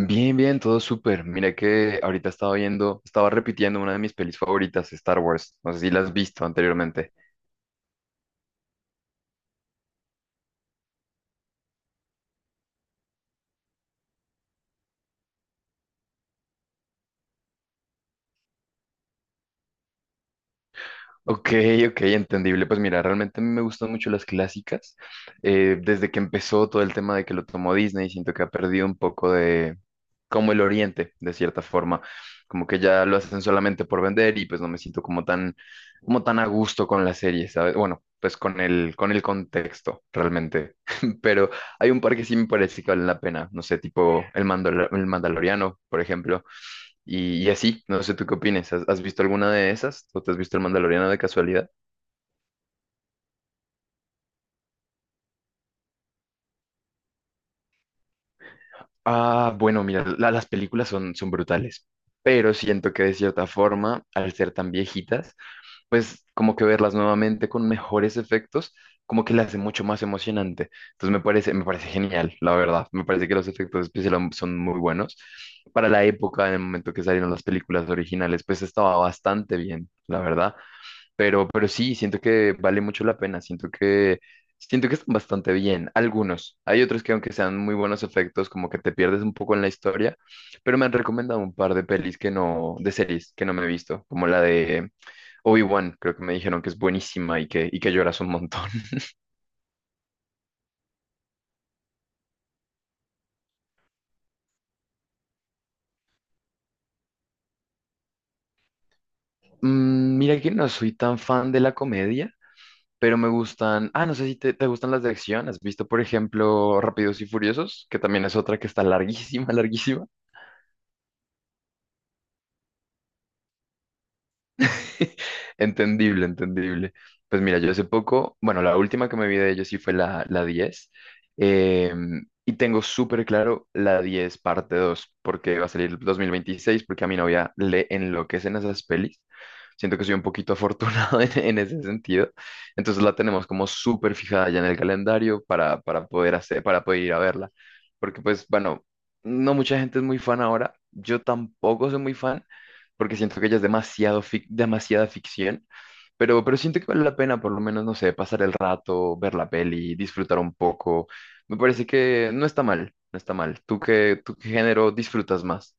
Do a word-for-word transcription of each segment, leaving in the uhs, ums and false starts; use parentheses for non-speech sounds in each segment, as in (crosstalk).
Bien, bien, todo súper. Mira que ahorita estaba viendo, estaba repitiendo una de mis pelis favoritas, Star Wars. No sé si la has visto anteriormente. Ok, ok, entendible. Pues mira, realmente a mí me gustan mucho las clásicas. Eh, desde que empezó todo el tema de que lo tomó Disney, siento que ha perdido un poco de como el oriente, de cierta forma. Como que ya lo hacen solamente por vender y pues no me siento como tan, como tan a gusto con la serie, ¿sabes? Bueno, pues con el, con el contexto, realmente. (laughs) Pero hay un par que sí me parece que valen la pena. No sé, tipo El Mandal el Mandaloriano, por ejemplo. Y, y así, no sé tú qué opines. ¿Has, has visto alguna de esas? ¿O te has visto El Mandaloriano de casualidad? Ah, bueno, mira, la- las películas son, son brutales, pero siento que de cierta forma, al ser tan viejitas, pues como que verlas nuevamente con mejores efectos, como que las hace mucho más emocionante. Entonces me parece, me parece genial, la verdad. Me parece que los efectos especiales son muy buenos. Para la época, en el momento que salieron las películas originales, pues estaba bastante bien, la verdad. Pero, pero sí, siento que vale mucho la pena. Siento que, siento que están bastante bien. Algunos. Hay otros que aunque sean muy buenos efectos, como que te pierdes un poco en la historia. Pero me han recomendado un par de pelis que no, de series que no me he visto, como la de Obi-Wan. Creo que me dijeron que es buenísima y que, y que lloras un montón. (laughs) Mm, mira que no soy tan fan de la comedia, pero me gustan. Ah, no sé si te, te gustan las de acción. ¿Has visto, por ejemplo, Rápidos y Furiosos? Que también es otra que está larguísima, (laughs) larguísima. (laughs) Entendible, entendible. Pues mira, yo hace poco, bueno, la última que me vi de ellos sí fue la, la diez em, y tengo súper claro la diez parte dos porque va a salir dos mil veintiséis porque a mi novia le enloquecen esas pelis. Siento que soy un poquito afortunado (laughs) en, en ese sentido. Entonces la tenemos como súper fijada ya en el calendario para, para poder hacer, para poder ir a verla. Porque pues, bueno, no mucha gente es muy fan ahora. Yo tampoco soy muy fan porque siento que ya es demasiado fic- demasiada ficción, pero, pero siento que vale la pena, por lo menos, no sé, pasar el rato, ver la peli, disfrutar un poco. Me parece que no está mal, no está mal. ¿Tú qué, tú qué género disfrutas más?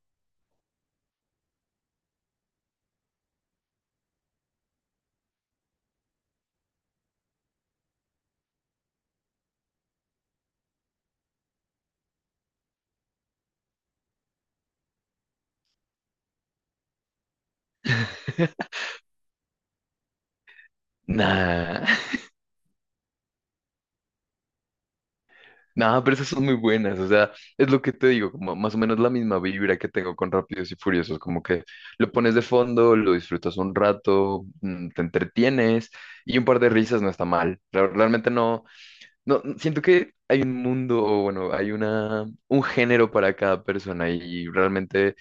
(laughs) Nah, nah, pero esas son muy buenas, o sea, es lo que te digo, como más o menos la misma vibra que tengo con Rápidos y Furiosos, como que lo pones de fondo, lo disfrutas un rato, mm, te entretienes y un par de risas no está mal. Re- Realmente no. No, n- siento que hay un mundo, o bueno, hay una, un género para cada persona y realmente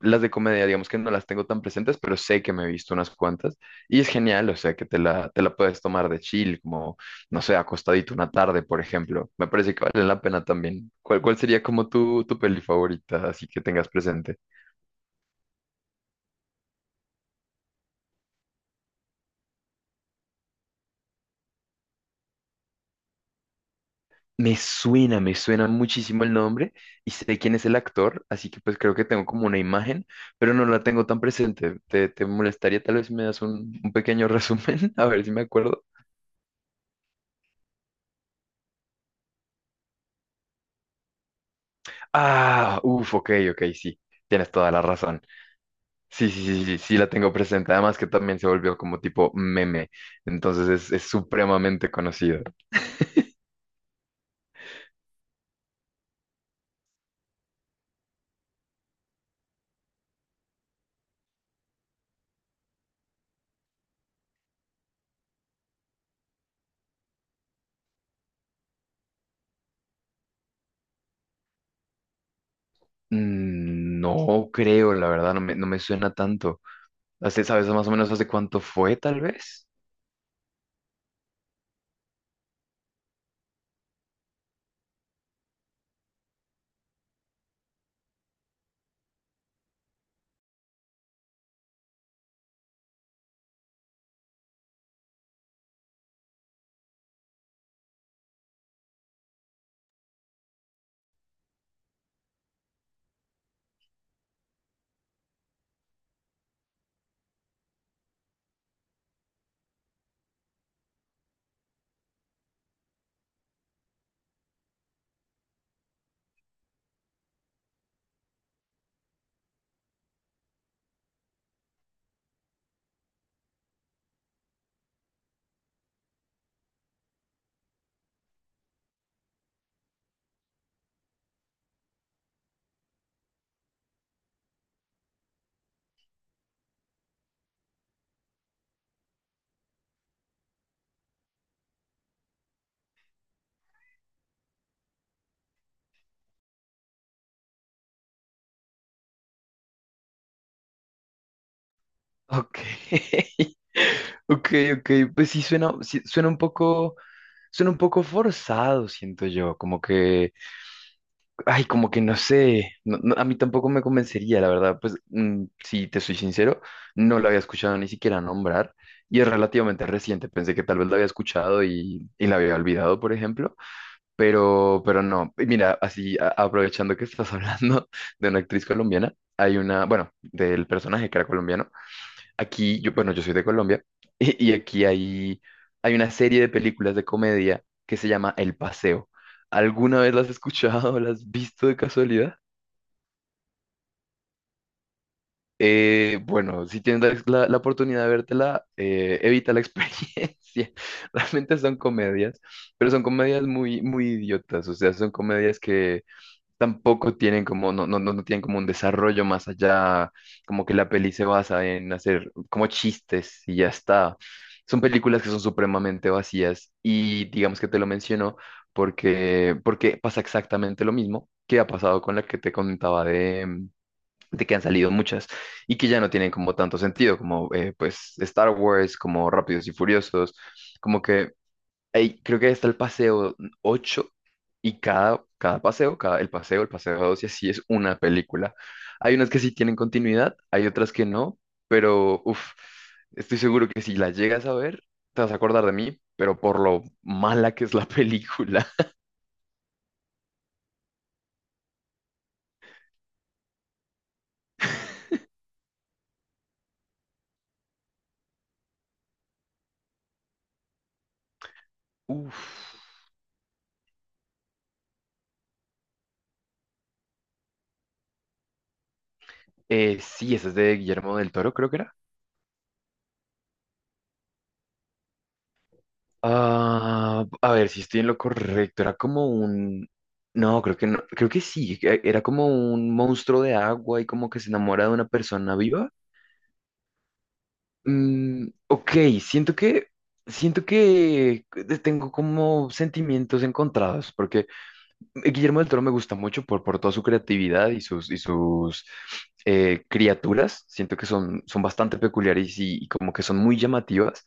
las de comedia, digamos que no las tengo tan presentes, pero sé que me he visto unas cuantas y es genial, o sea, que te la, te la puedes tomar de chill, como, no sé, acostadito una tarde, por ejemplo. Me parece que vale la pena también. ¿Cuál, cuál sería como tu, tu peli favorita, así que tengas presente? Me suena, me suena muchísimo el nombre y sé quién es el actor, así que pues creo que tengo como una imagen, pero no la tengo tan presente. ¿Te, te molestaría tal vez si me das un, un pequeño (laughs) resumen? A ver si me acuerdo. Ah, uff, ok, ok, sí, tienes toda la razón. Sí, sí, sí, sí, sí la tengo presente. Además que también se volvió como tipo meme, entonces es, es supremamente conocido. Mm, no creo, la verdad, no me, no me suena tanto. Hace- ¿Sabes más o menos hace cuánto fue, tal vez? Ok. (laughs) Ok, ok, pues sí suena, sí suena un poco, suena un poco forzado, siento yo, como que, ay, como que no sé, no- no, a mí tampoco me convencería, la verdad, pues mm, si te soy sincero, no lo había escuchado ni siquiera nombrar y es relativamente reciente, pensé que tal vez lo había escuchado y, y la había olvidado, por ejemplo, pero, pero no. Y mira, así a- aprovechando que estás (laughs) hablando de una actriz colombiana, hay una, bueno, del personaje que era colombiano. Aquí, yo, bueno, yo soy de Colombia (laughs) y, y aquí hay, hay una serie de películas de comedia que se llama El Paseo. ¿Alguna vez las has escuchado o las has visto de casualidad? Eh, bueno, si tienes la, la- la oportunidad de vértela, eh, evita la (laughs) experiencia. Realmente son comedias, pero son comedias muy, muy idiotas. O sea, son comedias que tampoco tienen como, no, no, no no tienen como un desarrollo más allá, como que la peli se basa en hacer como chistes y ya está. Son películas que son supremamente vacías y digamos que te lo menciono porque, porque pasa exactamente lo mismo que ha pasado con la que te contaba de, de que han salido muchas y que ya no tienen como tanto sentido, como eh, pues Star Wars, como Rápidos y Furiosos, como que ahí creo que está el paseo ocho y cada, cada paseo, cada, el paseo, el paseo dos y así es una película. Hay unas que sí tienen continuidad, hay otras que no, pero uf, estoy seguro que si la llegas a ver, te vas a acordar de mí, pero por lo mala que es la película. (laughs) Uf, eh, sí, esa es de Guillermo del Toro, creo que era. Ah, a ver si estoy en lo correcto. Era como un. No, creo que no. Creo que sí. e- Era como un monstruo de agua y como que se enamora de una persona viva. Mm, ok, siento que. Siento que tengo como sentimientos encontrados, porque Guillermo del Toro me gusta mucho por, por toda su creatividad y sus, y sus eh, criaturas. Siento que son, son bastante peculiares y, y como que son muy llamativas.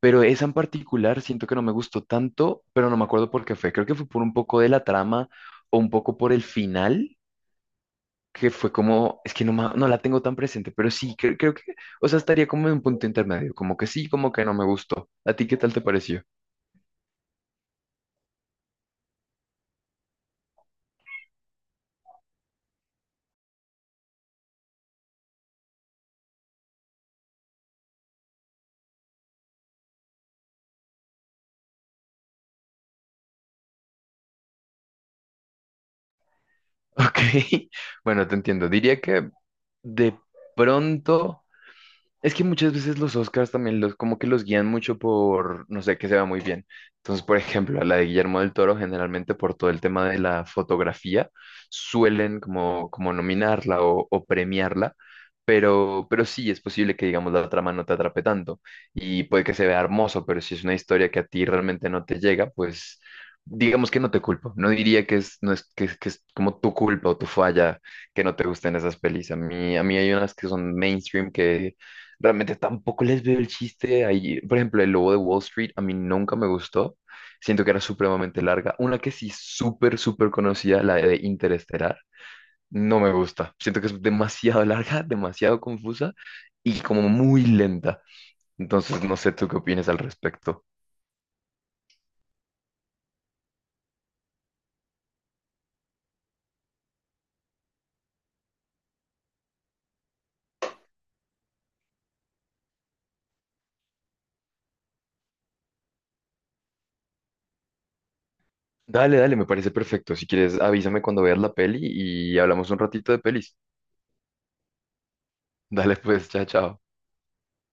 Pero esa en particular siento que no me gustó tanto, pero no me acuerdo por qué fue. Creo que fue por un poco de la trama o un poco por el final, que fue como, es que no, ma- no la tengo tan presente, pero sí, cre- creo que, o sea, estaría como en un punto intermedio, como que sí, como que no me gustó. ¿A ti qué tal te pareció? (laughs) Ok, bueno, te entiendo. Diría que de pronto... Es que muchas veces los Oscars también los, como que los guían mucho por, no sé, que se va muy bien. Entonces, por ejemplo, a la de Guillermo del Toro, generalmente por todo el tema de la fotografía, suelen como, como nominarla o, o premiarla, pero, pero sí es posible que, digamos, la trama no te atrape tanto y puede que se vea hermoso, pero si es una historia que a ti realmente no te llega, pues digamos que no te culpo. No diría que es, no es, que, es- que es como tu culpa o tu falla que no te gusten esas pelis. A mí, a mí hay unas que son mainstream que realmente tampoco les veo el chiste ahí. Por ejemplo, el lobo de Wall Street a mí nunca me gustó. Siento que era supremamente larga. Una que sí súper, súper conocida, la de Interestelar, no me gusta. Siento que es demasiado larga, demasiado confusa y como muy lenta. Entonces, no sé tú qué opinas al respecto. Dale, dale, me parece perfecto. Si quieres, avísame cuando veas la peli y hablamos un ratito de pelis. Dale, pues, chao, chao.